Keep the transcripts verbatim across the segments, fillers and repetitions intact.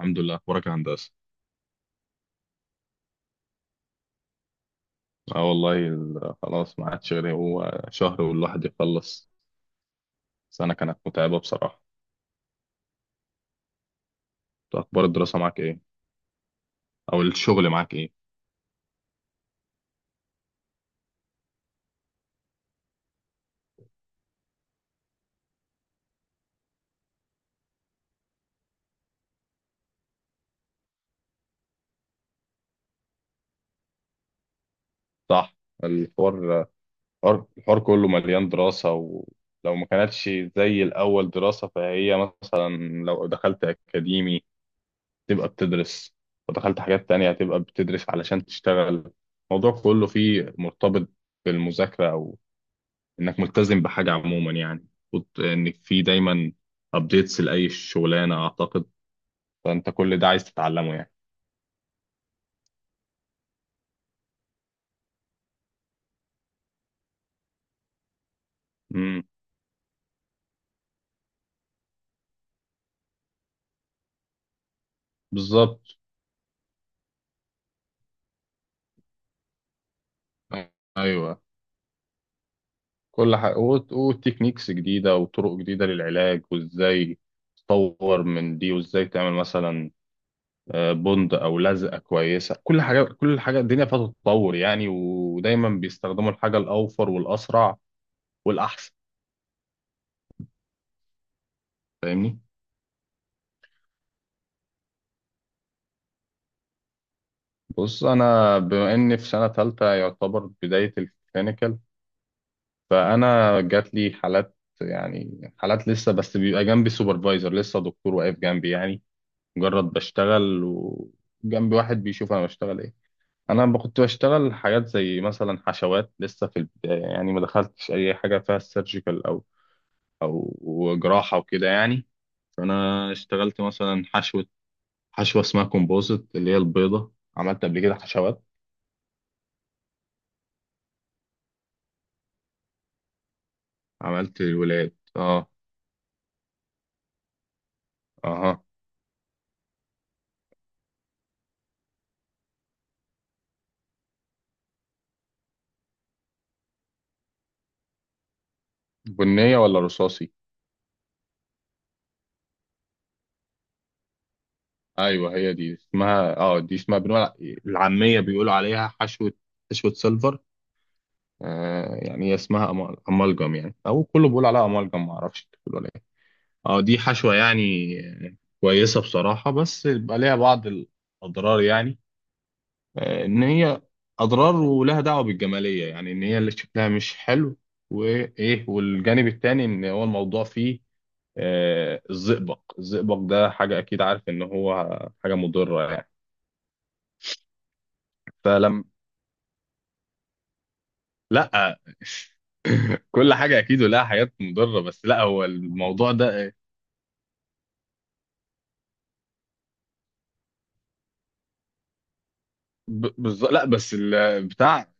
الحمد لله، اخبارك يا هندسه؟ اه والله، ال- خلاص ما عادش غير هو شهر والواحد يخلص. سنه كانت متعبه بصراحه. طب اخبار الدراسه معاك ايه؟ او الشغل معاك ايه؟ صح. الحوار الحوار الحوار كله مليان دراسه، ولو ما كانتش زي الاول دراسه فهي مثلا لو دخلت اكاديمي تبقى بتدرس، ودخلت حاجات تانية هتبقى بتدرس علشان تشتغل. الموضوع كله فيه مرتبط بالمذاكره، انك ملتزم بحاجه عموما يعني. المفروض انك في دايما ابديتس لاي شغلانه اعتقد. فانت كل ده عايز تتعلمه يعني. امم. بالظبط. ايوه، كل حاجه وت- وتكنيكس جديده وطرق جديده للعلاج، وازاي تطور من دي، وازاي تعمل مثلا آه، بند او لزقه كويسه. كل حاجه، كل حاجه الدنيا فيها تتطور يعني، ودايما بيستخدموا الحاجه الاوفر والاسرع والاحسن. فاهمني، بص انا بما اني في سنه ثالثه يعتبر بدايه الكلينيكال، فانا جات لي حالات. يعني حالات لسه، بس بيبقى جنبي سوبرفايزر لسه، دكتور واقف جنبي يعني، مجرد بشتغل وجنبي واحد بيشوف انا بشتغل ايه. انا ب- كنت بشتغل حاجات زي مثلا حشوات لسه في البدايه يعني، ما دخلتش اي حاجه فيها سيرجيكال او او جراحه وكده يعني. فانا اشتغلت مثلا حشوه، حشوه اسمها كومبوزيت اللي هي البيضه. عملت قبل كده حشوات؟ عملت الولاد، اه. اها. بنيه ولا رصاصي؟ ايوه هي دي اسمها، اه دي اسمها، بنقول العاميه بيقولوا عليها حشوه، حشوه سيلفر. آه يعني هي اسمها أما- امالجم يعني، او كله بيقول عليها امالجم، ما اعرفش انت بتقول عليها إيه. اه دي حشوه يعني آه، كويسه بصراحه، بس بيبقى ليها بعض الاضرار يعني. آه ان هي اضرار، ولها دعوه بالجماليه يعني، ان هي اللي شكلها مش حلو. وايه والجانب التاني ان هو الموضوع فيه آه الزئبق. الزئبق ده حاجه، اكيد عارف ان هو حاجه مضره يعني. فلما، لا. كل حاجة أكيد ولها حاجات مضرة، بس لا، هو الموضوع ده ب- بز... لا بس ال... بتاع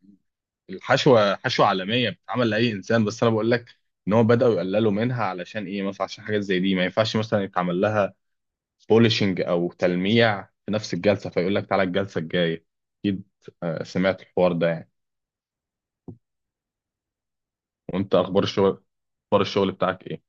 الحشوة، حشوة عالمية بتتعمل لأي إنسان، بس أنا بقول لك إن هو بدأوا يقللوا منها. علشان إيه؟ مثلا عشان حاجات زي دي ما ينفعش مثلا يتعمل لها بوليشنج أو تلميع في نفس الجلسة، فيقول لك تعالى الجلسة الجاية. أكيد. آه، سمعت الحوار ده يعني. وأنت أخبار الشغل، أخبار الشغل بتاعك إيه؟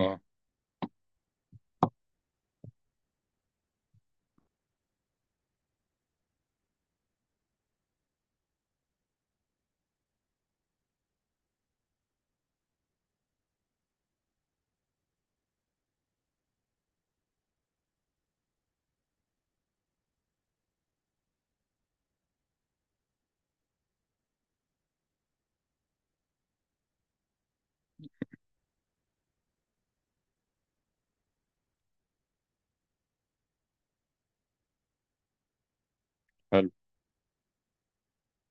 أه. حلو.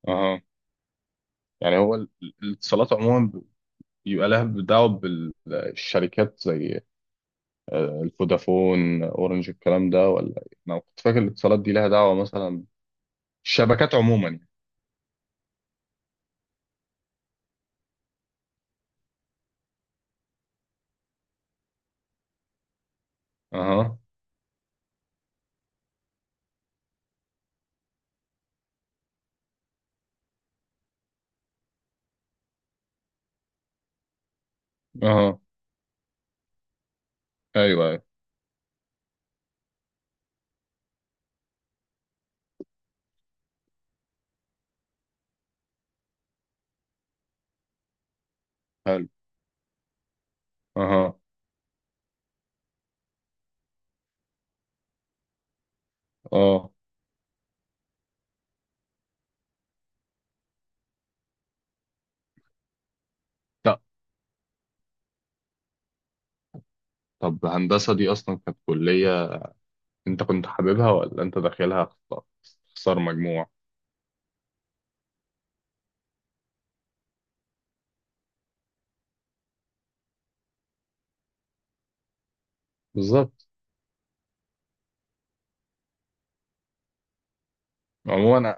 أه. يعني هو ال- الاتصالات عموما يبقى لها دعوة بالشركات زي آه، الفودافون، اورنج، الكلام ده ولا إيه؟ انا كنت فاكر الاتصالات دي لها دعوة مثلا الشبكات عموما يعني. اها. اها. ايوه، ايوه. حلو. اها. اه. لا. طب هندسة دي اصلا كانت كلية انت كنت حاببها، ولا انت داخلها خسارة، خسارة مجموع؟ بالظبط. عموما.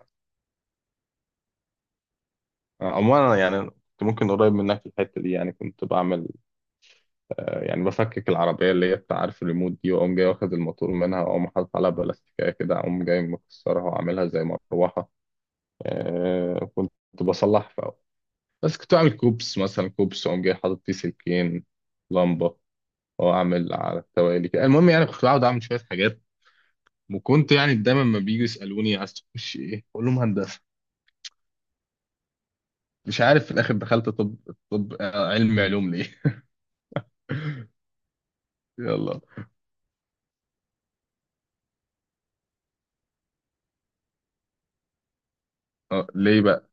عموما أنا يعني كنت ممكن قريب منك في الحتة دي، يعني كنت بعمل، يعني بفكك العربية اللي هي بتاع، عارف الريموت دي، وأقوم جاي واخد الموتور منها، وأقوم حاطط عليها بلاستيكية كده، أقوم جاي مكسرها وعاملها زي مروحة. آه كنت بصلح في أول، بس كنت أعمل كوبس مثلا، كوبس أقوم جاي حاطط فيه سلكين، لمبة، وأعمل على التوالي كده. المهم يعني كنت بقعد أعمل شوية حاجات، وكنت يعني دايما ما بيجوا يسألوني عايز تخش إيه أقول لهم هندسة. مش عارف في الآخر دخلت طب. طب آه، علم علوم ليه. يلا. آه ليه بقى.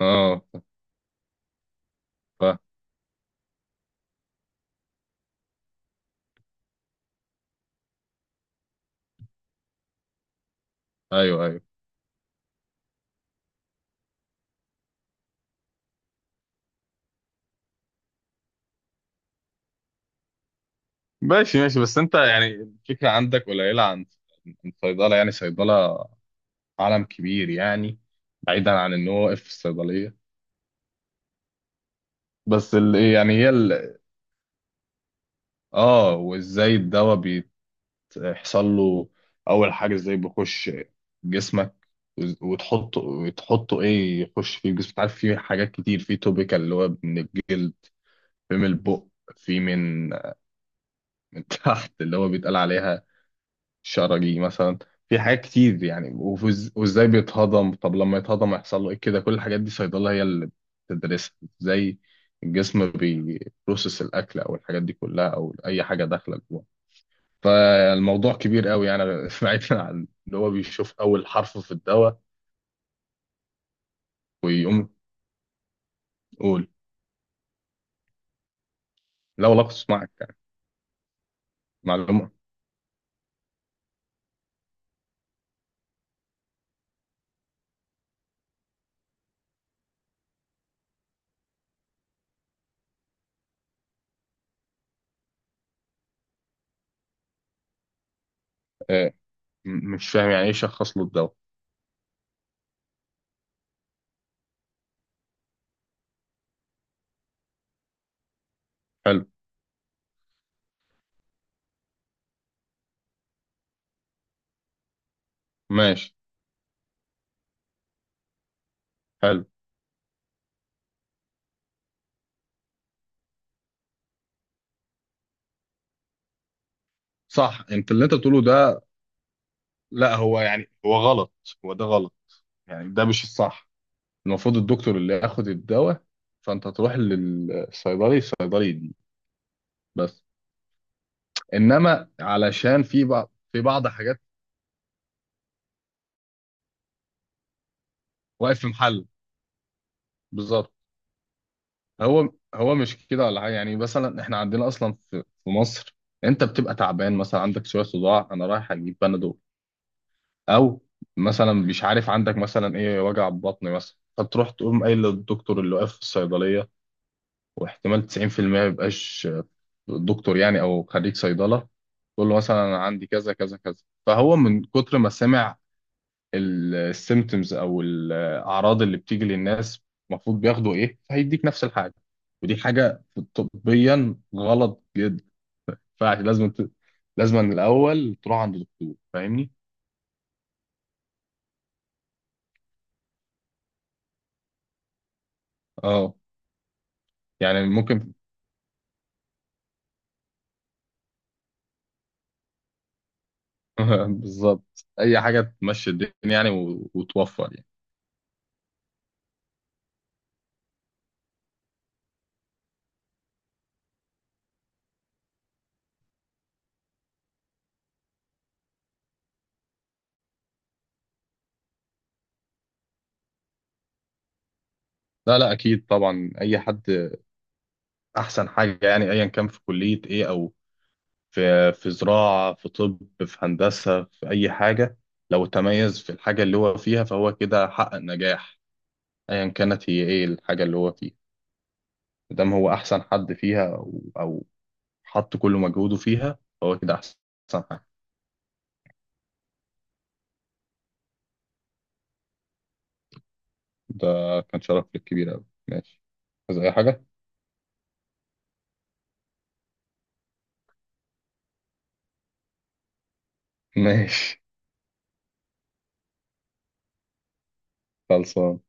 آه. ف-. أيوه، أيوه. ماشي، ماشي. بس انت يعني الفكرة عندك قليلة عن عن صيدلة. يعني صيدلة عالم كبير يعني، بعيدا عن ان هو واقف في الصيدلية. بس ال... يعني هي ال... اه، وازاي الدواء بيحصل له؟ اول حاجة، ازاي بيخش جسمك؟ وز- وتحطه، وتحطه ايه، يخش في الجسم؟ عارف في حاجات كتير، في توبيكال اللي هو من الجلد، في من البق، في من من تحت اللي هو بيتقال عليها شرجي مثلا. في حاجات كتير يعني. وفز- وازاي بيتهضم؟ طب لما يتهضم يحصل له ايه كده؟ كل الحاجات دي صيدلة هي اللي بتدرسها. ازاي الجسم بيبروسس الاكل او الحاجات دي كلها او اي حاجة داخلة جوه. فالموضوع كبير قوي يعني. بعيدا عن ان هو بيشوف اول حرف في الدواء ويقوم يقول. لا والله كنت معك يعني. معلومة. آه، م- مش فاهم، يعني ايه شخص له الدواء؟ حلو. ماشي. حلو. صح انت اللي انت بتقوله ده؟ لا، هو يعني هو غلط. هو ده غلط يعني، ده مش الصح. المفروض الدكتور اللي ياخد الدواء، فانت تروح للصيدلي، الصيدلي دي بس. انما علشان في بعض، في بعض حاجات. واقف في محل. بالظبط. هو هو مش كده ولا حاجه يعني. مثلا احنا عندنا اصلا في, في مصر، انت بتبقى تعبان مثلا، عندك شويه صداع، انا رايح اجيب بنادول. او مثلا مش عارف عندك مثلا ايه، وجع بطن مثلا، فتروح تقوم قايل للدكتور اللي واقف في الصيدليه، واحتمال تسعين في المية ما يبقاش دكتور يعني او خريج صيدله. تقول له مثلا أنا عندي كذا كذا كذا، فهو من كتر ما سمع السيمتومز او الاعراض اللي بتيجي للناس، المفروض بياخدوا ايه، فهيديك نفس الحاجه. ودي حاجه طبيا غلط جدا، فلازم ت...، لازم من الاول تروح عند دكتور. فاهمني. اه. يعني ممكن. بالظبط، اي حاجه تمشي الدنيا يعني و... وتوفر يعني. لا لا، اكيد طبعا. اي حد، احسن حاجه يعني ايا كان في كليه ايه، او في في زراعة، في طب، في هندسة، في أي حاجة، لو تميز في الحاجة اللي هو فيها فهو كده حقق نجاح. أيا كانت هي إيه الحاجة اللي هو فيها، مادام هو أحسن حد فيها، أو, أو حط كل مجهوده فيها، فهو كده أحسن حاجة. ده كان شرف لك كبير أوي، ماشي. عايز أي حاجة؟ ماشي. خلصان.